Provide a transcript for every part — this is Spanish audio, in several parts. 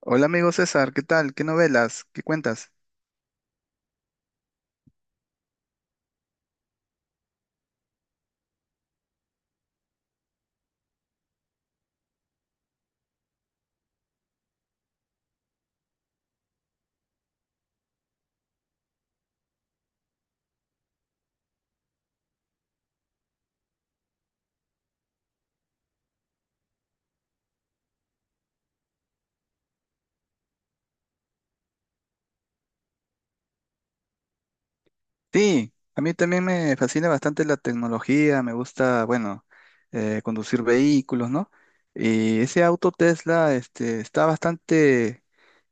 Hola amigo César, ¿qué tal? ¿Qué novelas? ¿Qué cuentas? Sí, a mí también me fascina bastante la tecnología, me gusta, bueno, conducir vehículos, ¿no? Y ese auto Tesla, este, está bastante,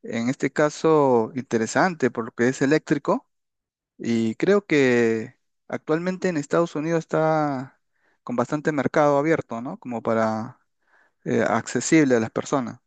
en este caso, interesante por lo que es eléctrico y creo que actualmente en Estados Unidos está con bastante mercado abierto, ¿no? Como para, accesible a las personas.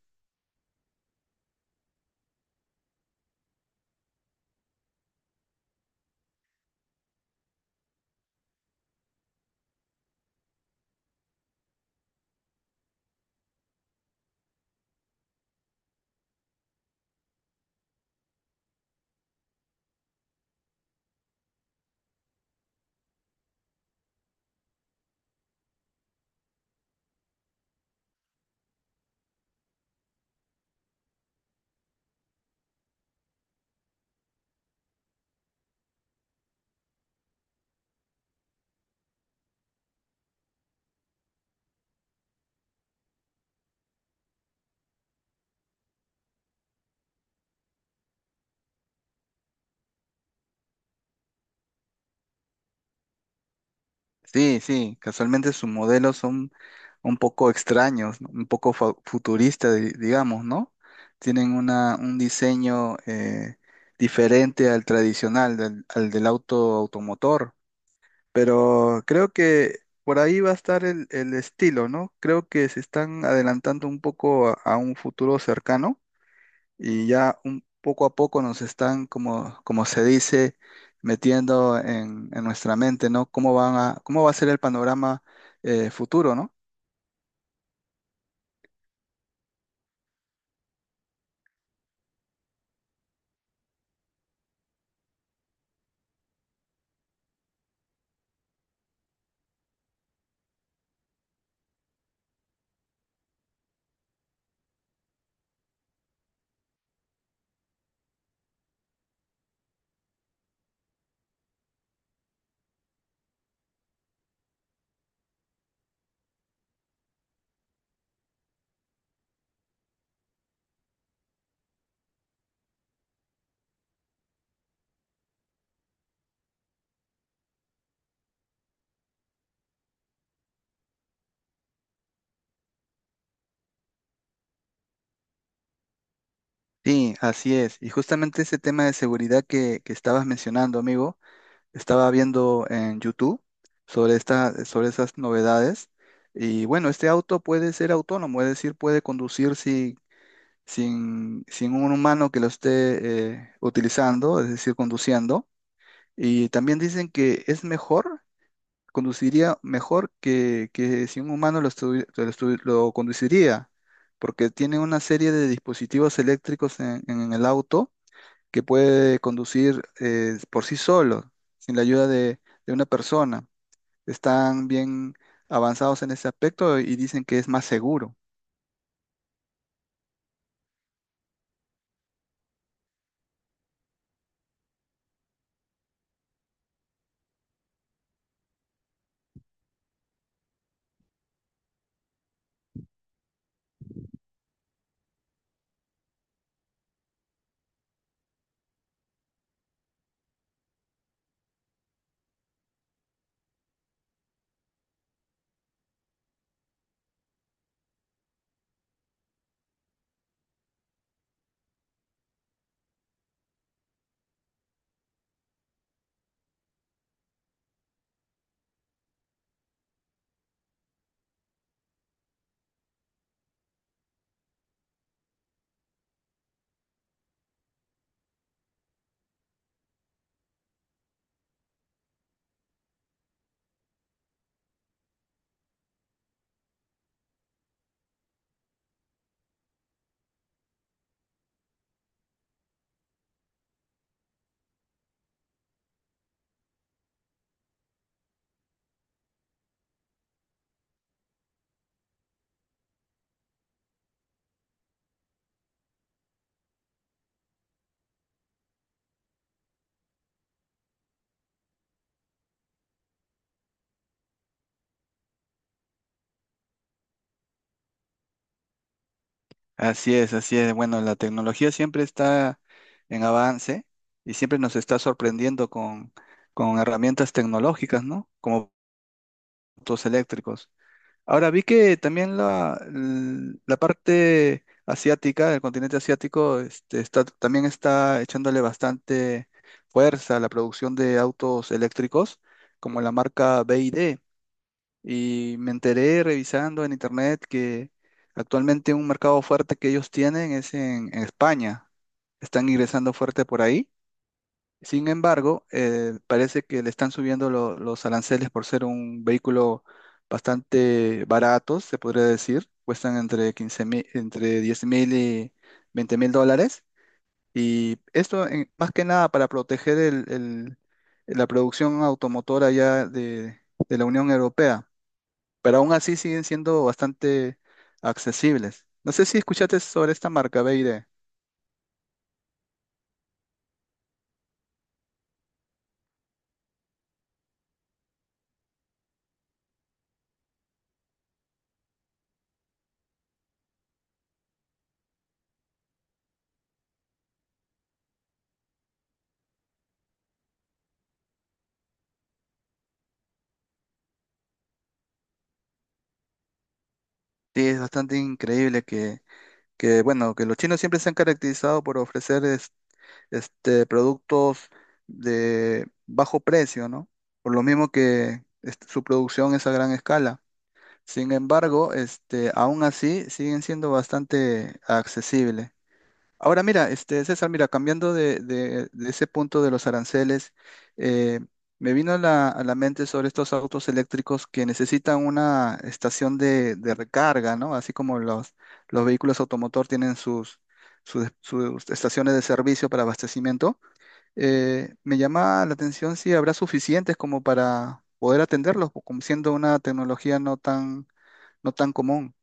Sí, sí, casualmente sus modelos son un poco extraños, ¿no? Un poco futuristas, digamos, ¿no? Tienen un diseño diferente al tradicional, al del auto automotor, pero creo que por ahí va a estar el estilo, ¿no? Creo que se están adelantando un poco a un futuro cercano y ya un poco a poco nos están, como, como se dice, metiendo en nuestra mente, ¿no? ¿Cómo cómo va a ser el panorama futuro? ¿No? Sí, así es. Y justamente ese tema de seguridad que estabas mencionando, amigo, estaba viendo en YouTube sobre sobre esas novedades. Y bueno, este auto puede ser autónomo, es decir, puede conducir sin un humano que lo esté utilizando, es decir, conduciendo. Y también dicen que es mejor, conduciría mejor que si un humano lo, lo conduciría, porque tiene una serie de dispositivos eléctricos en el auto que puede conducir por sí solo, sin la ayuda de una persona. Están bien avanzados en ese aspecto y dicen que es más seguro. Así es, así es. Bueno, la tecnología siempre está en avance y siempre nos está sorprendiendo con herramientas tecnológicas, ¿no? Como autos eléctricos. Ahora vi que también la parte asiática, el continente asiático, este, también está echándole bastante fuerza a la producción de autos eléctricos, como la marca BYD. Y me enteré revisando en internet que actualmente un mercado fuerte que ellos tienen es en España. Están ingresando fuerte por ahí. Sin embargo, parece que le están subiendo los aranceles por ser un vehículo bastante barato, se podría decir. Cuestan entre 15 000, entre 10 000 y 20 000 dólares. Y esto más que nada para proteger la producción automotora ya de la Unión Europea, pero aún así siguen siendo bastante accesibles. No sé si escuchaste sobre esta marca BYD. Sí, es bastante increíble bueno, que los chinos siempre se han caracterizado por ofrecer este, productos de bajo precio, ¿no? Por lo mismo que este, su producción es a gran escala. Sin embargo, este, aún así siguen siendo bastante accesibles. Ahora mira, este César, mira, cambiando de ese punto de los aranceles, eh, me vino a a la mente sobre estos autos eléctricos que necesitan una estación de recarga, ¿no? Así como los vehículos automotor tienen sus estaciones de servicio para abastecimiento. Me llama la atención si habrá suficientes como para poder atenderlos, como siendo una tecnología no tan común.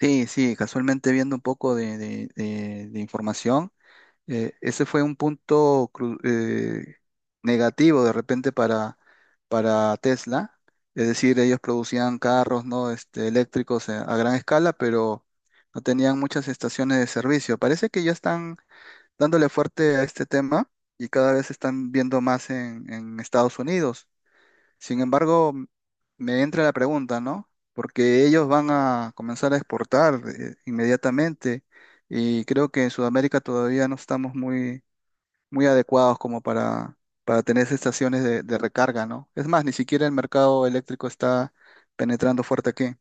Sí, sí, casualmente viendo un poco de de información. Ese fue un punto negativo de repente para Tesla. Es decir, ellos producían carros, ¿no? Este, eléctricos a gran escala, pero no tenían muchas estaciones de servicio. Parece que ya están dándole fuerte a este tema y cada vez se están viendo más en Estados Unidos. Sin embargo, me entra la pregunta, ¿no? Porque ellos van a comenzar a exportar inmediatamente y creo que en Sudamérica todavía no estamos muy adecuados como para tener esas estaciones de recarga, ¿no? Es más, ni siquiera el mercado eléctrico está penetrando fuerte aquí.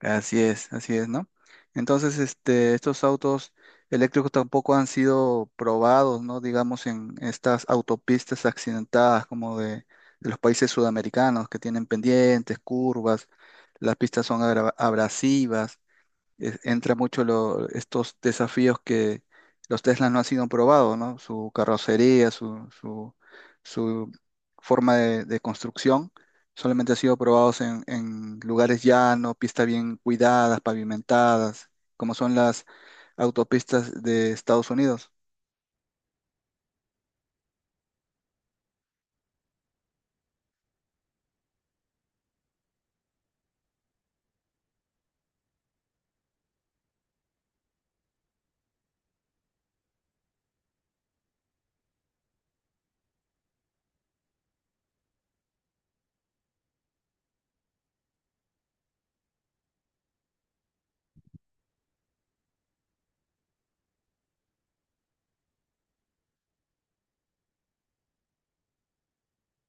Así es, ¿no? Entonces, este, estos autos eléctricos tampoco han sido probados, ¿no? Digamos, en estas autopistas accidentadas como de los países sudamericanos que tienen pendientes, curvas, las pistas son abrasivas. Es- entra mucho lo- estos desafíos que los Teslas no han sido probados, ¿no? Su carrocería, su forma de construcción, solamente ha sido probados en lugares llanos, pistas bien cuidadas, pavimentadas, como son las autopistas de Estados Unidos.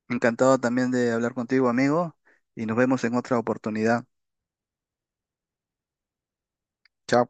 Encantado también de hablar contigo, amigo, y nos vemos en otra oportunidad. Chao.